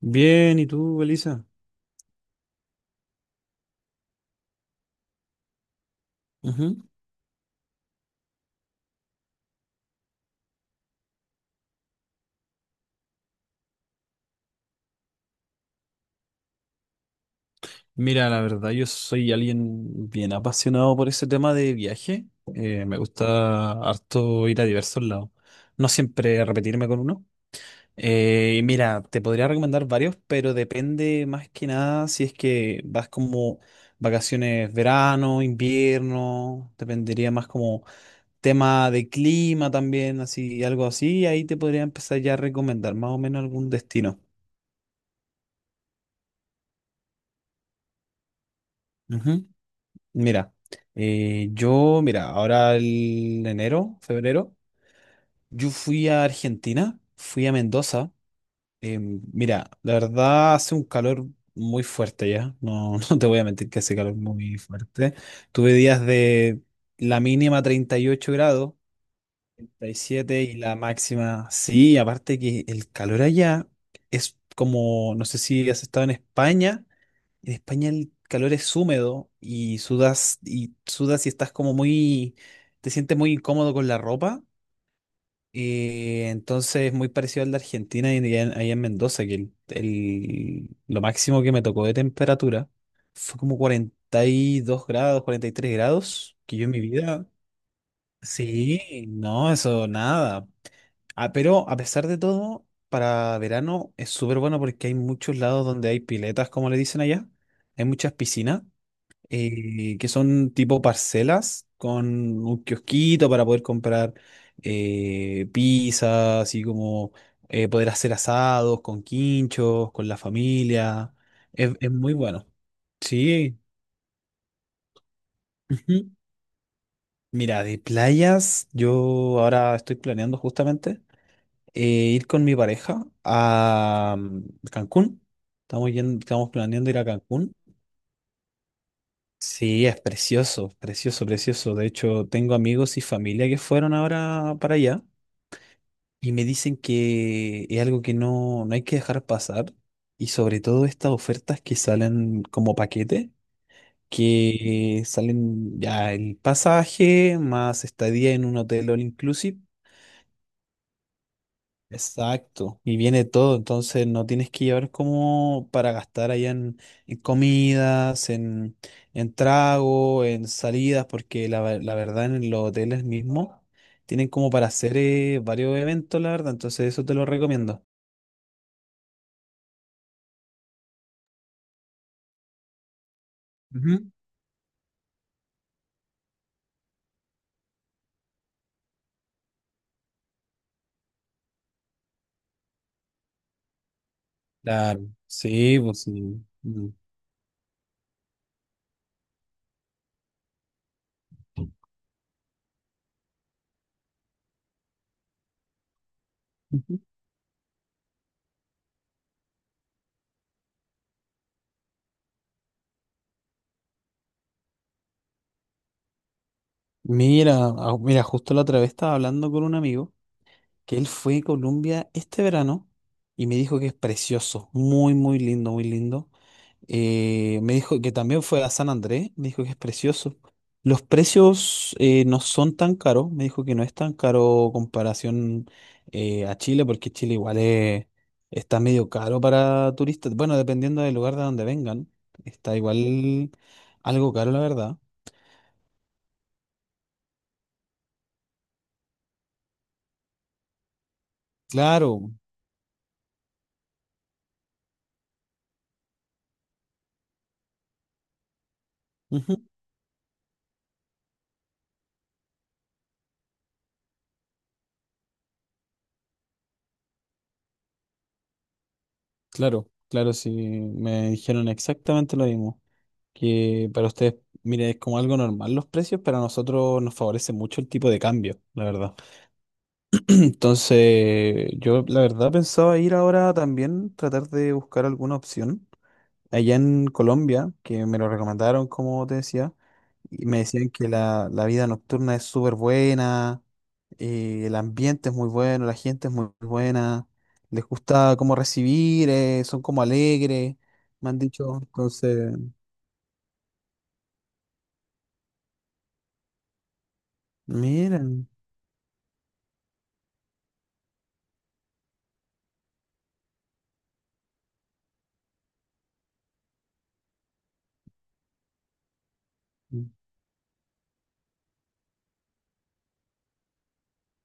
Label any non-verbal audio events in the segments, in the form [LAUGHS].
Bien, ¿y tú, Elisa? Ujú. Mira, la verdad, yo soy alguien bien apasionado por ese tema de viaje. Me gusta harto ir a diversos lados. No siempre repetirme con uno. Y mira, te podría recomendar varios, pero depende más que nada si es que vas como vacaciones verano, invierno, dependería más como tema de clima también, así, algo así. Ahí te podría empezar ya a recomendar más o menos algún destino. Ujú. Mira, mira, ahora el enero, febrero, yo fui a Argentina, fui a Mendoza. Mira, la verdad hace un calor muy fuerte ya, no, [LAUGHS] no te voy a mentir que hace calor muy fuerte. Tuve días de la mínima 38 grados, 37 y la máxima, sí, aparte que el calor allá es como, no sé si has estado en España. En España el calor es húmedo y sudas y sudas y estás como muy, te sientes muy incómodo con la ropa. Entonces es muy parecido al de Argentina y allá en Mendoza, que lo máximo que me tocó de temperatura fue como 42 grados, 43 grados, que yo en mi vida... Sí, no, eso nada. Ah, pero a pesar de todo, para verano es súper bueno porque hay muchos lados donde hay piletas, como le dicen allá. Hay muchas piscinas que son tipo parcelas con un kiosquito para poder comprar pizza, así como poder hacer asados con quinchos, con la familia. Es muy bueno. Sí. Ujú. Mira, de playas, yo ahora estoy planeando justamente eh, ir con mi pareja a Cancún. Estamos planeando ir a Cancún. Sí, es precioso, precioso, precioso. De hecho, tengo amigos y familia que fueron ahora para allá y me dicen que es algo que no hay que dejar pasar y sobre todo estas ofertas que salen como paquete, que salen ya el pasaje más estadía en un hotel all inclusive. Exacto, y viene todo, entonces no tienes que llevar como para gastar allá en, comidas, en trago, en salidas, porque la verdad en los hoteles mismos tienen como para hacer varios eventos, la verdad, entonces eso te lo recomiendo. Ujú. Claro, sí, pues sí. Mm. Ujú. Mira, justo la otra vez estaba hablando con un amigo que él fue a Colombia este verano y me dijo que es precioso, muy, muy lindo, muy lindo. Me dijo que también fue a San Andrés, me dijo que es precioso. Los precios no son tan caros, me dijo que no es tan caro comparación a Chile, porque Chile igual está medio caro para turistas. Bueno, dependiendo del lugar de donde vengan, está igual algo caro, la verdad. Claro, ujú, claro, claro, sí, me dijeron exactamente lo mismo, que para ustedes, mire, es como algo normal los precios, pero a nosotros nos favorece mucho el tipo de cambio, la verdad. Entonces, yo la verdad pensaba ir ahora también, tratar de buscar alguna opción allá en Colombia, que me lo recomendaron, como te decía, y me decían que la vida nocturna es súper buena, el ambiente es muy bueno, la gente es muy buena, les gusta cómo recibir, son como alegres, me han dicho. Entonces, mira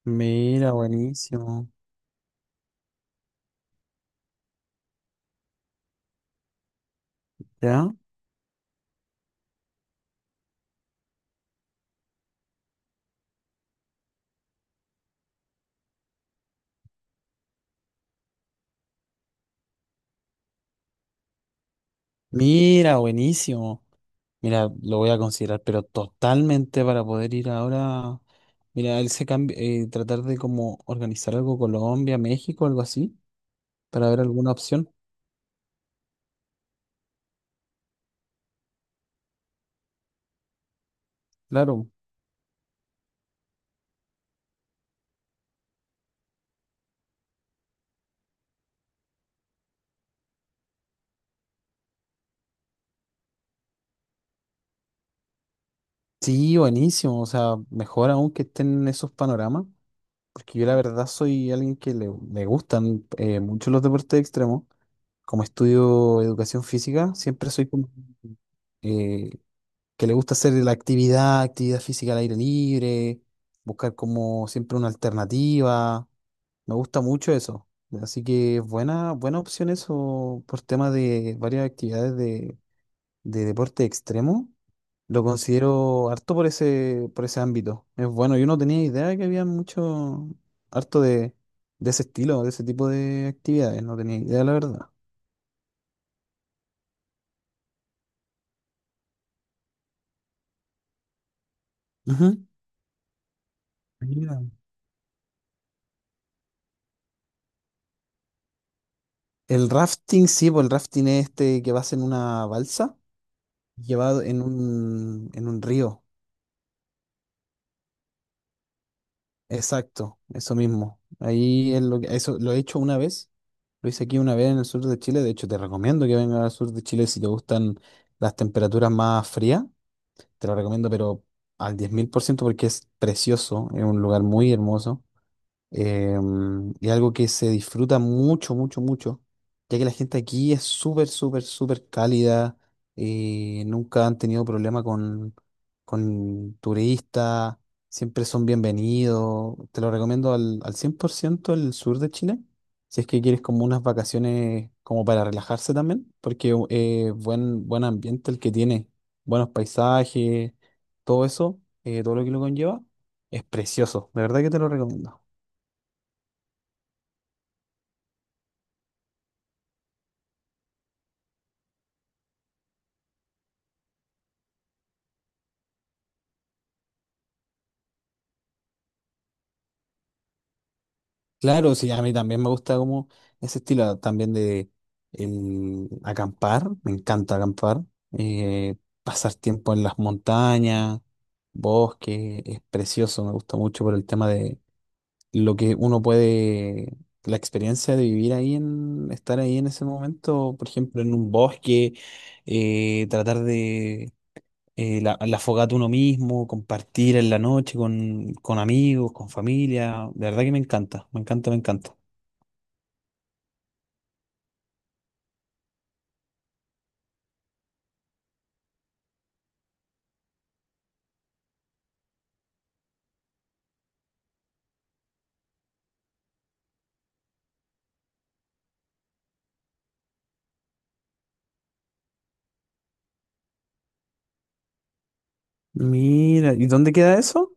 buenísimo, ¿ya? Mira, buenísimo. Mira, lo voy a considerar, pero totalmente para poder ir ahora. Mira, él se cambia, tratar de como organizar algo Colombia, México, algo así, para ver alguna opción. Claro. Sí, buenísimo. O sea, mejor aún que estén esos panoramas, porque yo la verdad soy alguien que le gustan mucho los deportes extremos. Como estudio educación física, siempre soy como eh, que le gusta hacer la actividad física al aire libre, buscar como siempre una alternativa. Me gusta mucho eso. Así que buena, buena opción eso por tema de varias actividades de deporte extremo. Lo considero harto por ese ámbito. Es bueno, yo no tenía idea de que había mucho, harto de, ese estilo, de ese tipo de actividades. No tenía idea, la verdad. Ujú. Mira. El rafting, sí, pues el rafting es este que vas en una balsa llevado en un río. Exacto, eso mismo. Ahí es lo que, eso lo he hecho una vez. Lo hice aquí una vez en el sur de Chile. De hecho, te recomiendo que vengas al sur de Chile si te gustan las temperaturas más frías. Te lo recomiendo, pero al 10.000% porque es precioso. Es un lugar muy hermoso. Y algo que se disfruta mucho, mucho, mucho, ya que la gente aquí es súper, súper, súper cálida, nunca han tenido problema con, turistas, siempre son bienvenidos. Te lo recomiendo al 100% el sur de Chile, si es que quieres como unas vacaciones como para relajarse también, porque buen ambiente el que tiene, buenos paisajes, todo eso, todo lo que lo conlleva, es precioso, de verdad que te lo recomiendo. Claro, sí, a mí también me gusta como ese estilo también de el acampar, me encanta acampar, eh, pasar tiempo en las montañas, bosque, es precioso, me gusta mucho por el tema de lo que uno puede, la experiencia de vivir ahí en, estar ahí en ese momento, por ejemplo, en un bosque, tratar de la fogata uno mismo, compartir en la noche con, amigos, con familia, de verdad que me encanta, me encanta, me encanta. Mira, ¿y dónde queda eso?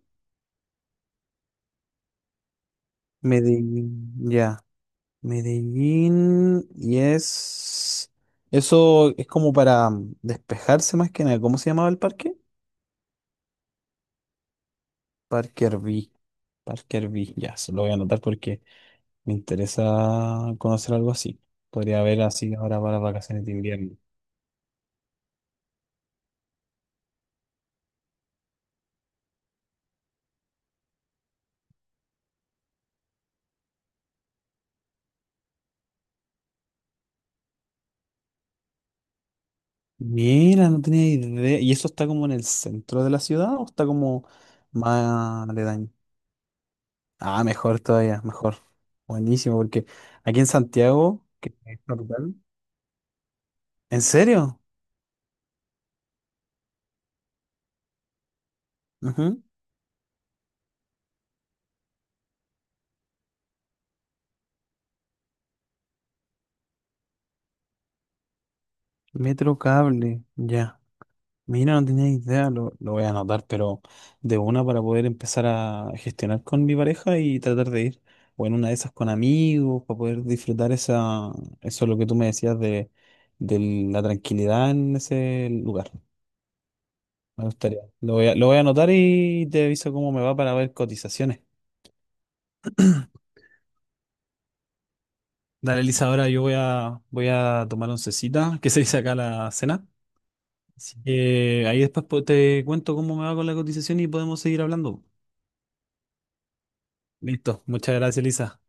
Medellín, ya. Medellín, y es... Eso es como para despejarse más que nada. ¿Cómo se llamaba el parque? Parque Herbí. Parque Herbí, ya, se lo voy a anotar porque me interesa conocer algo así. Podría haber así ahora para las vacaciones de invierno. Mira, no tenía idea. ¿Y eso está como en el centro de la ciudad o está como más aledaño? Ah, mejor todavía, mejor. Buenísimo, porque aquí en Santiago, que es capital. ¿En serio? Ujú. Metro cable, ya. Mira, no tenía idea, lo, voy a anotar, pero de una para poder empezar a gestionar con mi pareja y tratar de ir, o en una de esas con amigos, para poder disfrutar esa, eso lo que tú me decías de, la tranquilidad en ese lugar. Me gustaría. lo voy a anotar y te aviso cómo me va para ver cotizaciones. Dale, Elisa, ahora yo voy a tomar oncecita, que se dice acá la cena. Así que ahí después te cuento cómo me va con la cotización y podemos seguir hablando. Listo, muchas gracias, Elisa.